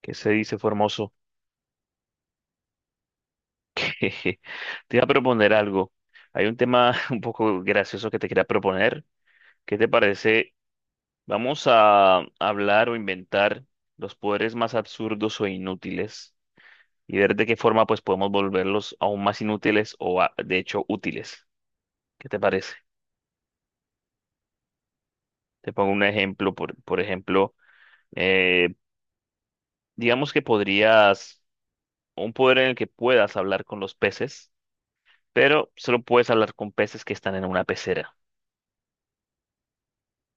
¿Qué se dice, Formoso? Te iba a proponer algo. Hay un tema un poco gracioso que te quería proponer. ¿Qué te parece? Vamos a hablar o inventar los poderes más absurdos o inútiles y ver de qué forma pues podemos volverlos aún más inútiles o de hecho útiles. ¿Qué te parece? Te pongo un ejemplo. Por ejemplo, eh, digamos que podrías un poder en el que puedas hablar con los peces, pero solo puedes hablar con peces que están en una pecera.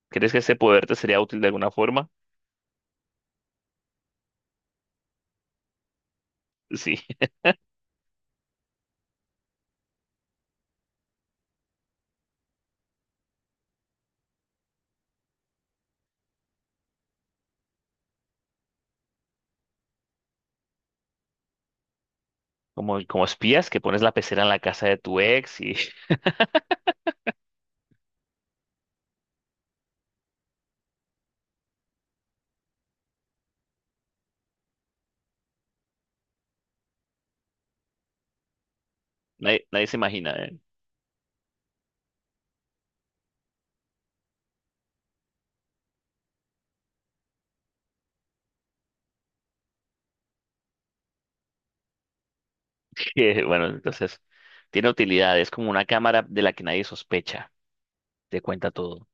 ¿Crees que ese poder te sería útil de alguna forma? Sí, como espías que pones la pecera en la casa de tu ex y nadie se imagina, ¿eh? Que, bueno, entonces tiene utilidad, es como una cámara de la que nadie sospecha, te cuenta todo.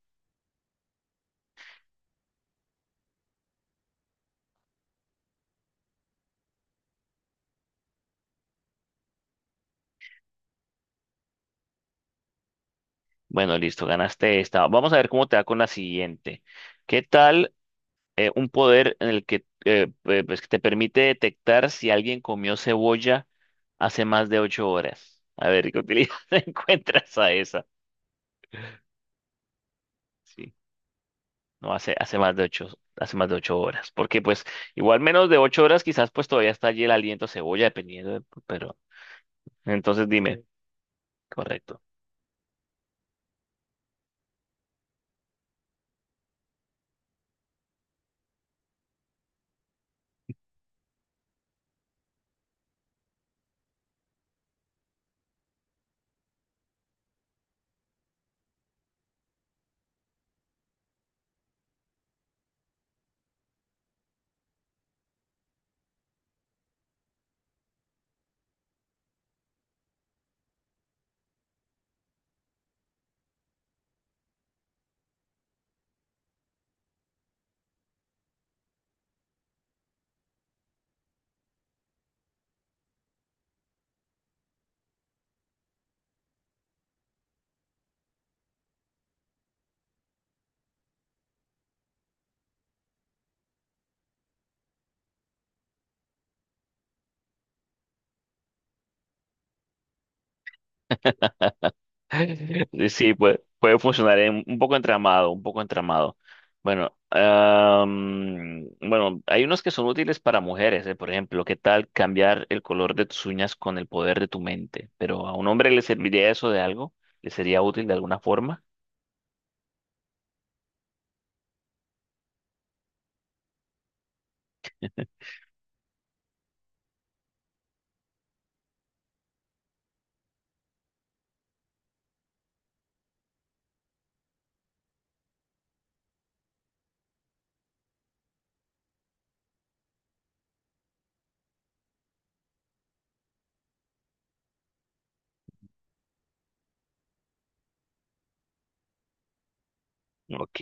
Bueno, listo, ganaste esta. Vamos a ver cómo te va con la siguiente. ¿Qué tal un poder en el que pues, que te permite detectar si alguien comió cebolla hace más de 8 horas? A ver, ¿qué utilidad encuentras a esa? Sí. No, hace más de 8 horas. Porque pues igual menos de 8 horas quizás pues todavía está allí el aliento a cebolla, dependiendo pero entonces dime, correcto. Sí, puede funcionar un poco entramado, un poco entramado. Bueno, bueno, hay unos que son útiles para mujeres, por ejemplo, ¿qué tal cambiar el color de tus uñas con el poder de tu mente? Pero a un hombre le serviría eso de algo, le sería útil de alguna forma. Ok.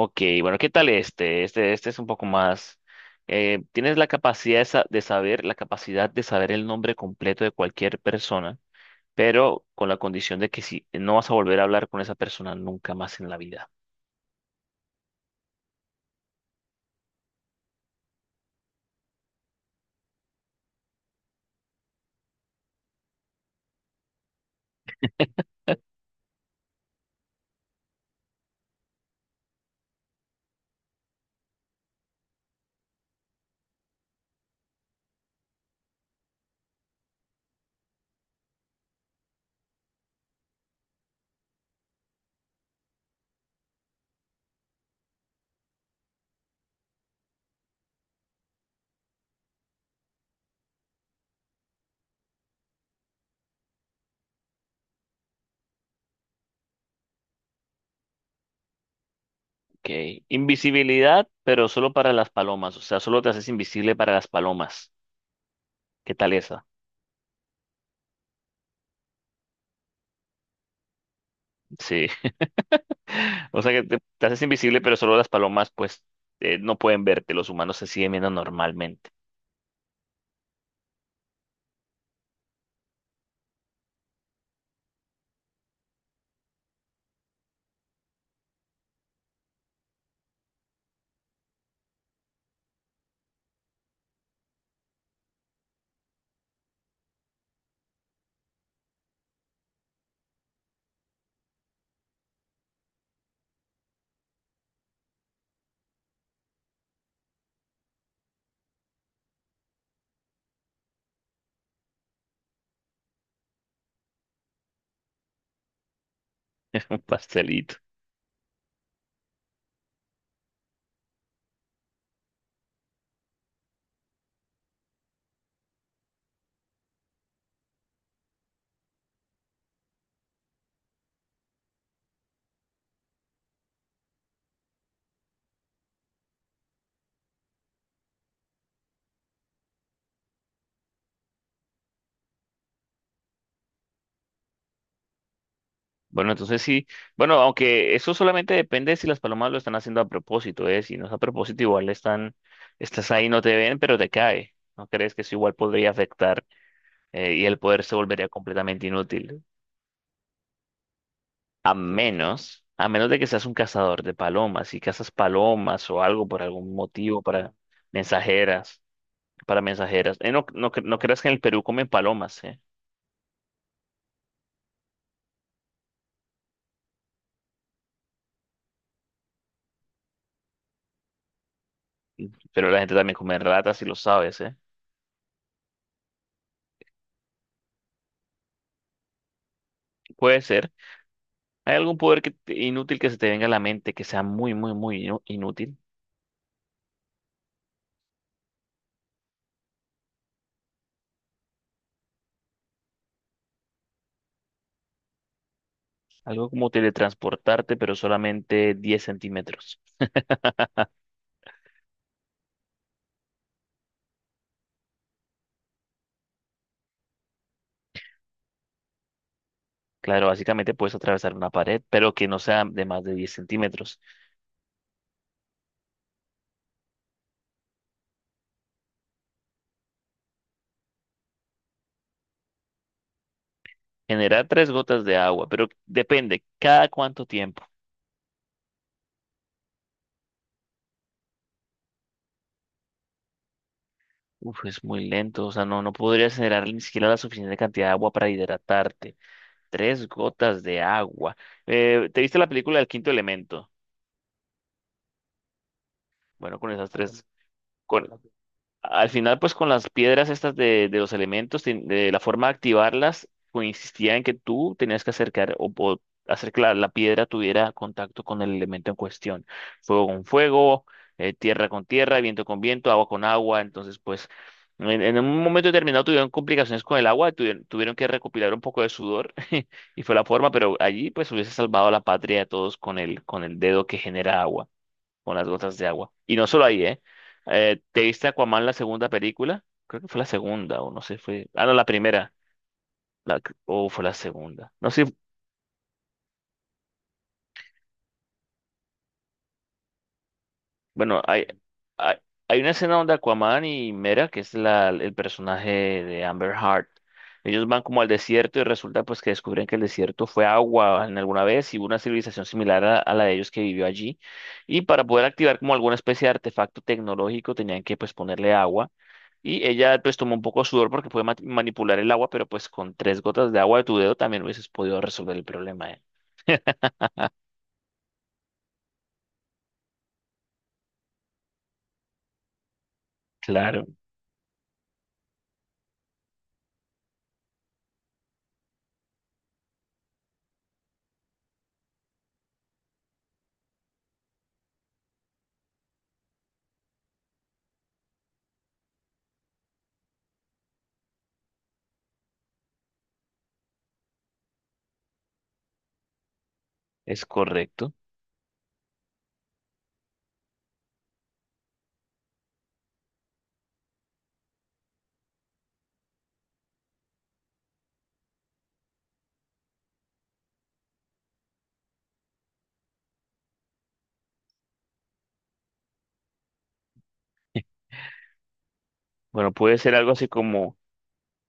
Ok, bueno, ¿qué tal este? Este es un poco más. Tienes la capacidad de, sa- de saber, la capacidad de saber el nombre completo de cualquier persona, pero con la condición de que si no vas a volver a hablar con esa persona nunca más en la vida. Ok. Invisibilidad, pero solo para las palomas. O sea, solo te haces invisible para las palomas. ¿Qué tal esa? Sí. O sea que te haces invisible, pero solo las palomas, pues, no pueden verte. Los humanos se siguen viendo normalmente. Un pastelito. Bueno, entonces sí, bueno, aunque eso solamente depende si las palomas lo están haciendo a propósito, ¿eh? Si no es a propósito, igual estás ahí, no te ven, pero te cae. ¿No crees que eso igual podría afectar y el poder se volvería completamente inútil? A menos de que seas un cazador de palomas y cazas palomas o algo por algún motivo para mensajeras, para mensajeras. No, no, no creas que en el Perú comen palomas, ¿eh? Pero la gente también come ratas y lo sabes, ¿eh? Puede ser. ¿Hay algún poder inútil que se te venga a la mente que sea muy, muy, muy inútil? Algo como teletransportarte, pero solamente 10 centímetros. Claro, básicamente puedes atravesar una pared, pero que no sea de más de 10 centímetros. Generar tres gotas de agua, pero depende, ¿cada cuánto tiempo? Uf, es muy lento, o sea, no, no podrías generar ni siquiera la suficiente cantidad de agua para hidratarte. Tres gotas de agua. ¿Te viste la película El Quinto Elemento? Bueno, con esas tres, con, al final, pues con las piedras estas de los elementos, de la forma de activarlas, consistía en que tú tenías que acercar o hacer que la piedra tuviera contacto con el elemento en cuestión. Fuego con fuego, tierra con tierra, viento con viento, agua con agua. Entonces, pues en un momento determinado tuvieron complicaciones con el agua, tuvieron que recopilar un poco de sudor y fue la forma, pero allí pues hubiese salvado a la patria de todos con el dedo que genera agua con las gotas de agua. Y no solo ahí, ¿eh? ¿Te viste Aquaman la segunda película? Creo que fue la segunda, o no sé, fue... Ah, no, la primera. La... O fue la segunda. No sé, bueno, hay, hay una escena donde Aquaman y Mera, que es el personaje de Amber Heard, ellos van como al desierto y resulta pues que descubren que el desierto fue agua en alguna vez y hubo una civilización similar a la de ellos que vivió allí. Y para poder activar como alguna especie de artefacto tecnológico tenían que pues ponerle agua. Y ella pues tomó un poco de sudor porque puede manipular el agua, pero pues con tres gotas de agua de tu dedo también hubieses podido resolver el problema, ¿eh? Claro, es correcto. Bueno, puede ser algo así como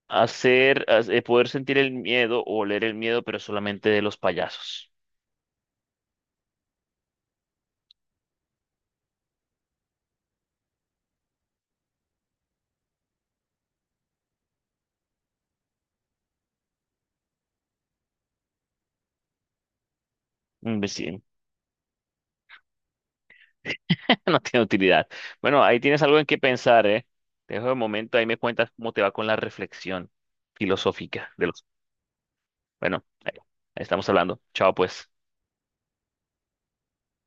poder sentir el miedo o oler el miedo, pero solamente de los payasos. Mm, pues sí, no tiene utilidad. Bueno, ahí tienes algo en qué pensar, ¿eh? Te dejo de momento, ahí me cuentas cómo te va con la reflexión filosófica de los... Bueno, ahí estamos hablando. Chao, pues.